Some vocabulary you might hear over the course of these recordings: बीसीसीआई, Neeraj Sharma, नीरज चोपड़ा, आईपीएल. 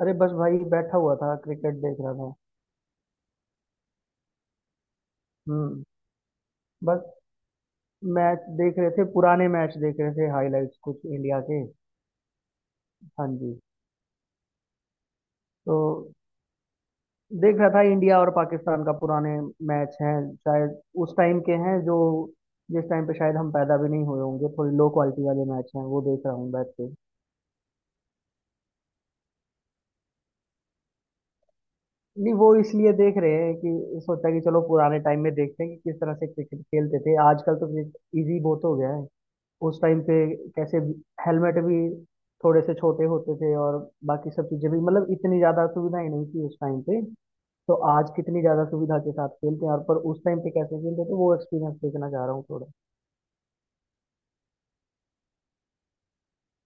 अरे बस भाई बैठा हुआ था, क्रिकेट देख रहा था। हम्म। बस। मैच देख रहे थे, पुराने मैच देख रहे थे, हाइलाइट्स कुछ इंडिया के। हाँ जी। तो देख रहा था इंडिया और पाकिस्तान का, पुराने मैच हैं शायद उस टाइम के हैं जो जिस टाइम पे शायद हम पैदा भी नहीं हुए होंगे, थोड़ी लो क्वालिटी वाले मैच हैं, वो देख रहा हूँ बैठ के। नहीं, वो इसलिए देख रहे हैं कि सोचा कि चलो पुराने टाइम में देखते हैं कि किस तरह से क्रिकेट खेलते थे। आजकल तो क्रिकेट इजी बहुत हो गया है। उस टाइम पे कैसे हेलमेट भी थोड़े से छोटे होते थे, और बाकी सब चीजें भी मतलब इतनी ज्यादा सुविधा ही नहीं थी उस टाइम पे। तो आज कितनी ज्यादा सुविधा के साथ खेलते हैं, और पर उस टाइम पे कैसे खेलते थे वो एक्सपीरियंस देखना चाह रहा हूँ थोड़ा।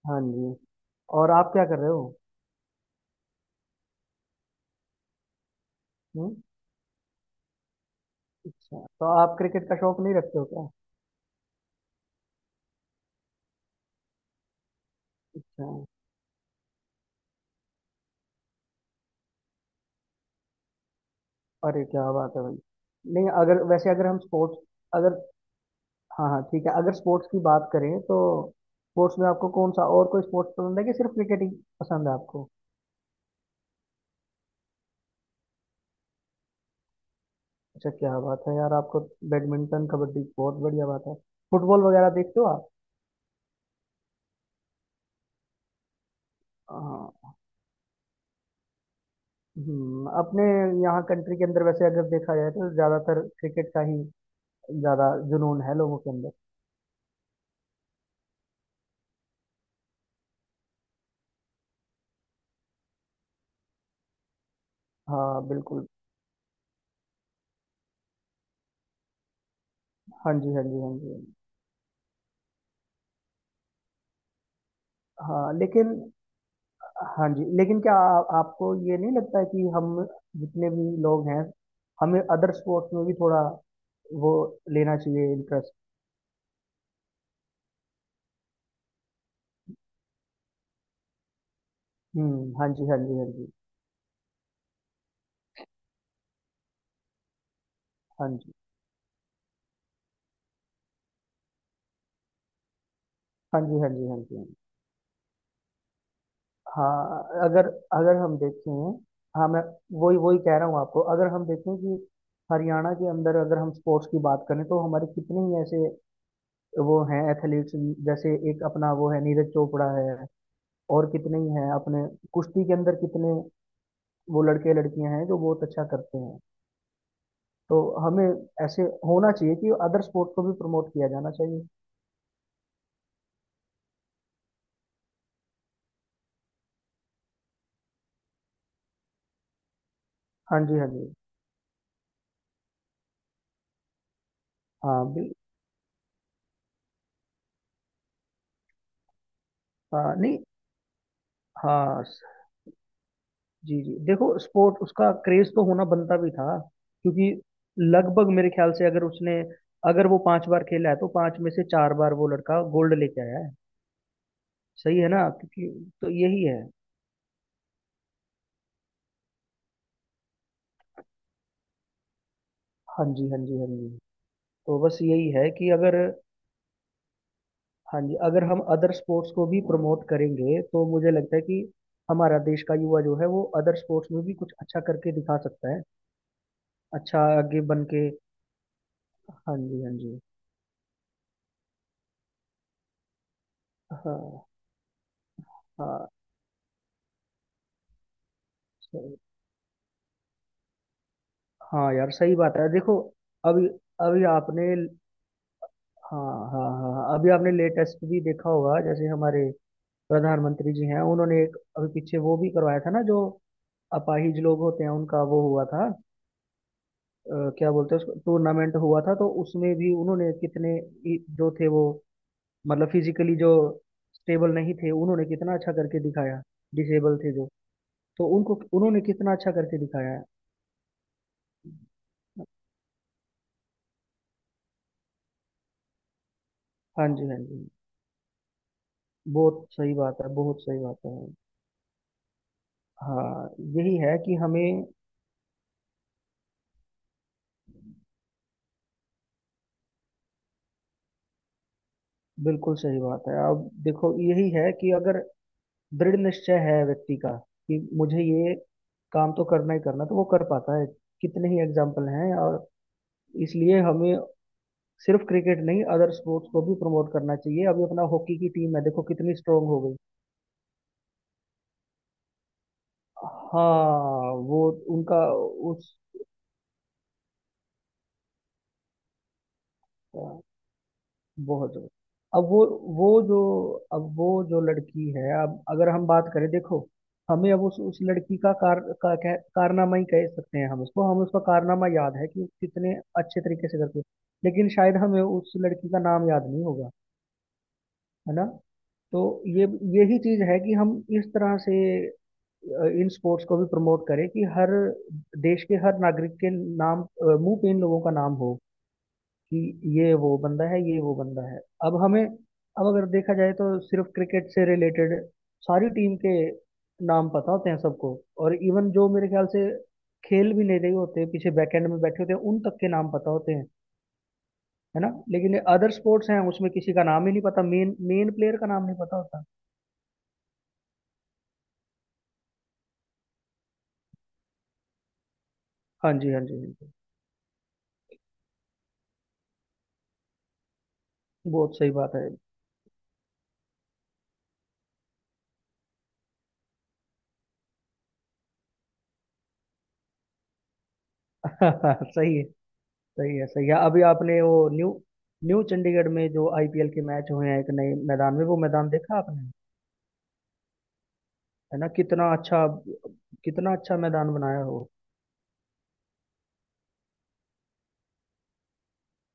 हाँ जी। और आप क्या कर रहे हो? हम्म। अच्छा, तो आप क्रिकेट का शौक नहीं रखते हो क्या? अच्छा। अरे क्या बात है भाई। नहीं, अगर वैसे अगर हम स्पोर्ट्स। अगर। हाँ हाँ ठीक है, अगर स्पोर्ट्स की बात करें तो। स्पोर्ट्स में आपको कौन सा और कोई स्पोर्ट्स पसंद है, कि सिर्फ क्रिकेट ही पसंद है आपको? अच्छा क्या बात है यार आपको। बैडमिंटन कबड्डी बहुत बढ़िया बात है। फुटबॉल वगैरह देखते हो आप? हाँ। अपने यहाँ कंट्री के अंदर वैसे अगर देखा जाए तो ज़्यादातर क्रिकेट का ही ज़्यादा जुनून है लोगों के अंदर। हाँ बिल्कुल। हाँ जी हाँ जी हाँ जी हाँ जी। हाँ लेकिन। हाँ जी लेकिन क्या आपको ये नहीं लगता है कि हम जितने भी लोग हैं, हमें अदर स्पोर्ट्स में भी थोड़ा वो लेना चाहिए इंटरेस्ट। हम्म। हाँ जी हाँ जी हाँ जी हाँ जी हाँ जी हाँ जी हाँ जी। हाँ अगर। अगर हम देखें। हाँ मैं। वही वही कह रहा हूँ आपको। अगर हम देखें कि हरियाणा के अंदर अगर हम स्पोर्ट्स की बात करें तो हमारे कितने ही ऐसे वो हैं एथलीट्स, जैसे एक अपना वो है नीरज चोपड़ा है, और कितने ही हैं अपने कुश्ती के अंदर कितने वो लड़के लड़कियां हैं जो बहुत अच्छा करते हैं। तो हमें ऐसे होना चाहिए कि अदर स्पोर्ट को भी प्रमोट किया जाना चाहिए। हाँ जी हाँ जी। हाँ बिल हाँ नहीं, हाँ जी जी, देखो स्पोर्ट उसका क्रेज तो होना बनता भी था। क्योंकि लगभग मेरे ख्याल से, अगर वो 5 बार खेला है तो पांच में से 4 बार वो लड़का गोल्ड लेके आया है। सही है ना क्योंकि। तो यही है। हाँ जी हाँ जी हाँ जी। तो बस यही है कि अगर। हाँ जी, अगर हम अदर स्पोर्ट्स को भी प्रमोट करेंगे तो मुझे लगता है कि हमारा देश का युवा जो है वो अदर स्पोर्ट्स में भी कुछ अच्छा करके दिखा सकता है। अच्छा आगे बन के। हाँ जी हाँ जी हाँ। हाँ सही। हाँ यार सही बात है देखो। अभी अभी आपने। हाँ हाँ हाँ हाँ, अभी आपने लेटेस्ट भी देखा होगा, जैसे हमारे प्रधानमंत्री जी हैं, उन्होंने एक अभी पीछे वो भी करवाया था ना जो अपाहिज लोग होते हैं उनका वो हुआ था। क्या बोलते हैं उसको, टूर्नामेंट हुआ था, तो उसमें भी उन्होंने जो थे वो मतलब फिजिकली जो स्टेबल नहीं थे उन्होंने कितना अच्छा करके दिखाया। डिसेबल थे जो। तो उनको उन्होंने कितना अच्छा करके दिखाया है। हाँ जी हाँ जी, बहुत सही बात है बहुत सही बात है। हाँ। यही है कि हमें। बिल्कुल सही बात है, अब देखो यही है कि अगर दृढ़ निश्चय है व्यक्ति का कि मुझे ये काम तो करना ही करना, तो वो कर पाता है। कितने ही एग्जाम्पल हैं और। इसलिए हमें सिर्फ क्रिकेट नहीं अदर स्पोर्ट्स को भी प्रमोट करना चाहिए। अभी अपना हॉकी की टीम है, देखो कितनी स्ट्रांग हो गई। हाँ वो उनका उस बहुत जरूरत। अब वो जो अब वो जो लड़की है, अब अगर हम बात करें देखो, हमें अब उस लड़की का कारनामा ही कह सकते हैं हम उसको, हमें उसका कारनामा याद है कि वो कितने अच्छे तरीके से करती है। लेकिन शायद हमें उस लड़की का नाम याद नहीं होगा। है ना। तो ये यही चीज है कि हम इस तरह से, इन स्पोर्ट्स को भी प्रमोट करें कि हर देश के हर नागरिक के नाम मुंह पे इन लोगों का नाम हो, कि ये वो बंदा है ये वो बंदा है। अब हमें, अब अगर देखा जाए तो सिर्फ क्रिकेट से रिलेटेड सारी टीम के नाम पता होते हैं सबको। और इवन जो मेरे ख्याल से खेल भी नहीं रहे होते, पीछे बैकएंड में बैठे होते हैं, उन तक के नाम पता होते हैं। है ना। लेकिन अदर स्पोर्ट्स हैं, उसमें किसी का नाम ही नहीं पता, मेन मेन प्लेयर का नाम नहीं पता होता। हाँ जी हाँ जी हाँ जी, बहुत सही बात है। सही है सही है सही है। अभी आपने वो न्यू न्यू चंडीगढ़ में जो आईपीएल के मैच हुए हैं एक नए मैदान में, वो मैदान देखा आपने? है ना, कितना अच्छा। कितना अच्छा मैदान बनाया हो।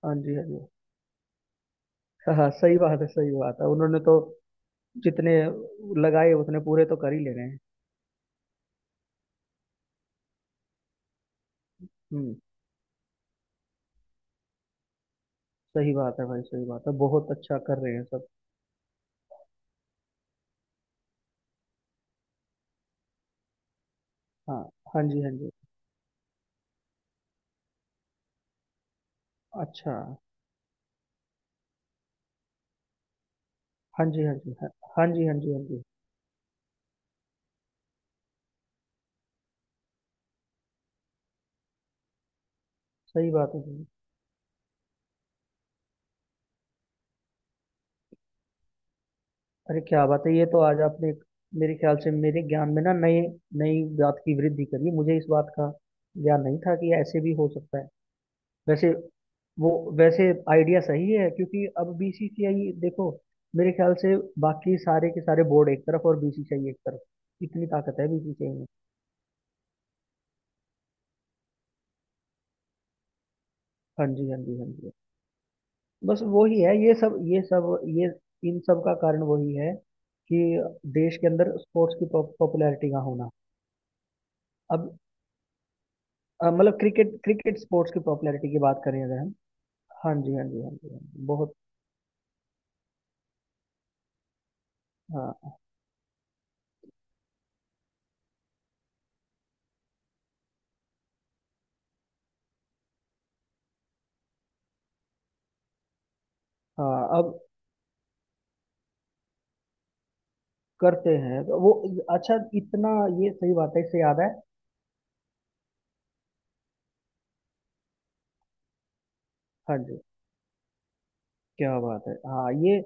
हाँ जी हाँ जी, हाँ हाँ, सही बात है सही बात है, उन्होंने तो जितने लगाए उतने पूरे तो कर ही ले रहे हैं। हम्म। सही बात है भाई, सही बात है, बहुत अच्छा कर रहे हैं सब। हाँ, हाँ जी हाँ जी, अच्छा, हाँ जी हाँ जी हाँ, हाँ जी हाँ जी हाँ जी, सही बात है जी। अरे क्या बात है! ये तो आज आपने मेरे ख्याल से मेरे ज्ञान में ना नई नई बात की वृद्धि करी, मुझे इस बात का ज्ञान नहीं था कि ऐसे भी हो सकता है। वैसे वो वैसे आइडिया सही है, क्योंकि अब बीसीसीआई देखो, मेरे ख्याल से बाकी सारे के सारे बोर्ड एक तरफ और बीसीसीआई एक तरफ, इतनी ताकत है बीसीसीआई में। हाँ जी हाँ जी हाँ जी। बस वही है ये सब ये सब ये इन सब का कारण वही है, कि देश के अंदर स्पोर्ट्स की पॉपुलैरिटी का होना। अब मतलब क्रिकेट क्रिकेट स्पोर्ट्स की पॉपुलैरिटी की बात करें अगर हम। हाँ जी हाँ जी हाँ जी हाँ जी बहुत, हाँ हाँ, अब करते हैं तो वो, अच्छा, इतना ये सही बात है, इससे याद है। हाँ जी। क्या बात है, हाँ ये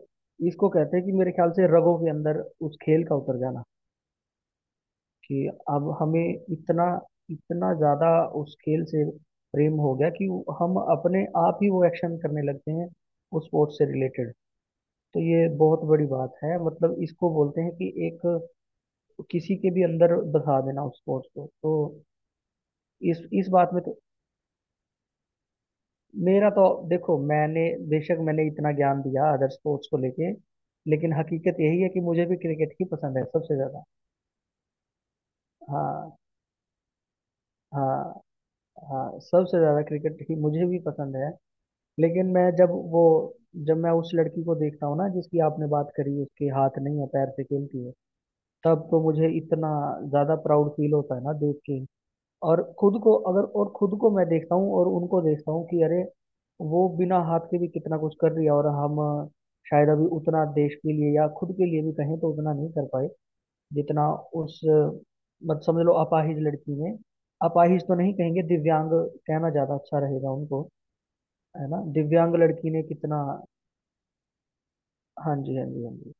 इसको कहते हैं कि मेरे ख्याल से रगों के अंदर उस खेल का उतर जाना। कि अब हमें इतना इतना ज्यादा उस खेल से प्रेम हो गया कि हम अपने आप ही वो एक्शन करने लगते हैं, उस स्पोर्ट्स से रिलेटेड। तो ये बहुत बड़ी बात है, मतलब इसको बोलते हैं कि एक किसी के भी अंदर बसा देना उस स्पोर्ट्स को तो। इस बात में तो मेरा तो देखो, मैंने बेशक मैंने इतना ज्ञान दिया अदर स्पोर्ट्स को लेके, लेकिन हकीकत यही है कि मुझे भी क्रिकेट ही पसंद है सबसे ज्यादा। हाँ हाँ हाँ, सबसे ज्यादा क्रिकेट ही मुझे भी पसंद है। लेकिन मैं जब वो जब मैं उस लड़की को देखता हूँ ना जिसकी आपने बात करी, उसके हाथ नहीं है, पैर से खेलती है। तब तो मुझे इतना ज्यादा प्राउड फील होता है ना देख के। और खुद को अगर और खुद को मैं देखता हूँ और उनको देखता हूँ कि अरे वो बिना हाथ के भी कितना कुछ कर रही है, और हम शायद अभी उतना देश के लिए या खुद के लिए भी कहें तो उतना नहीं कर पाए जितना उस मत समझ लो अपाहिज लड़की ने। अपाहिज तो नहीं कहेंगे, दिव्यांग कहना ज्यादा अच्छा रहेगा उनको। है ना, दिव्यांग लड़की ने कितना। हाँ जी हाँ जी हाँ जी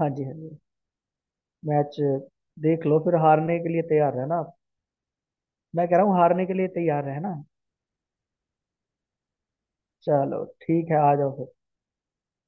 हाँ जी हाँ जी। मैच देख लो, फिर हारने के लिए तैयार रहना आप। मैं कह रहा हूँ हारने के लिए तैयार रहना। चलो ठीक है, आ जाओ फिर।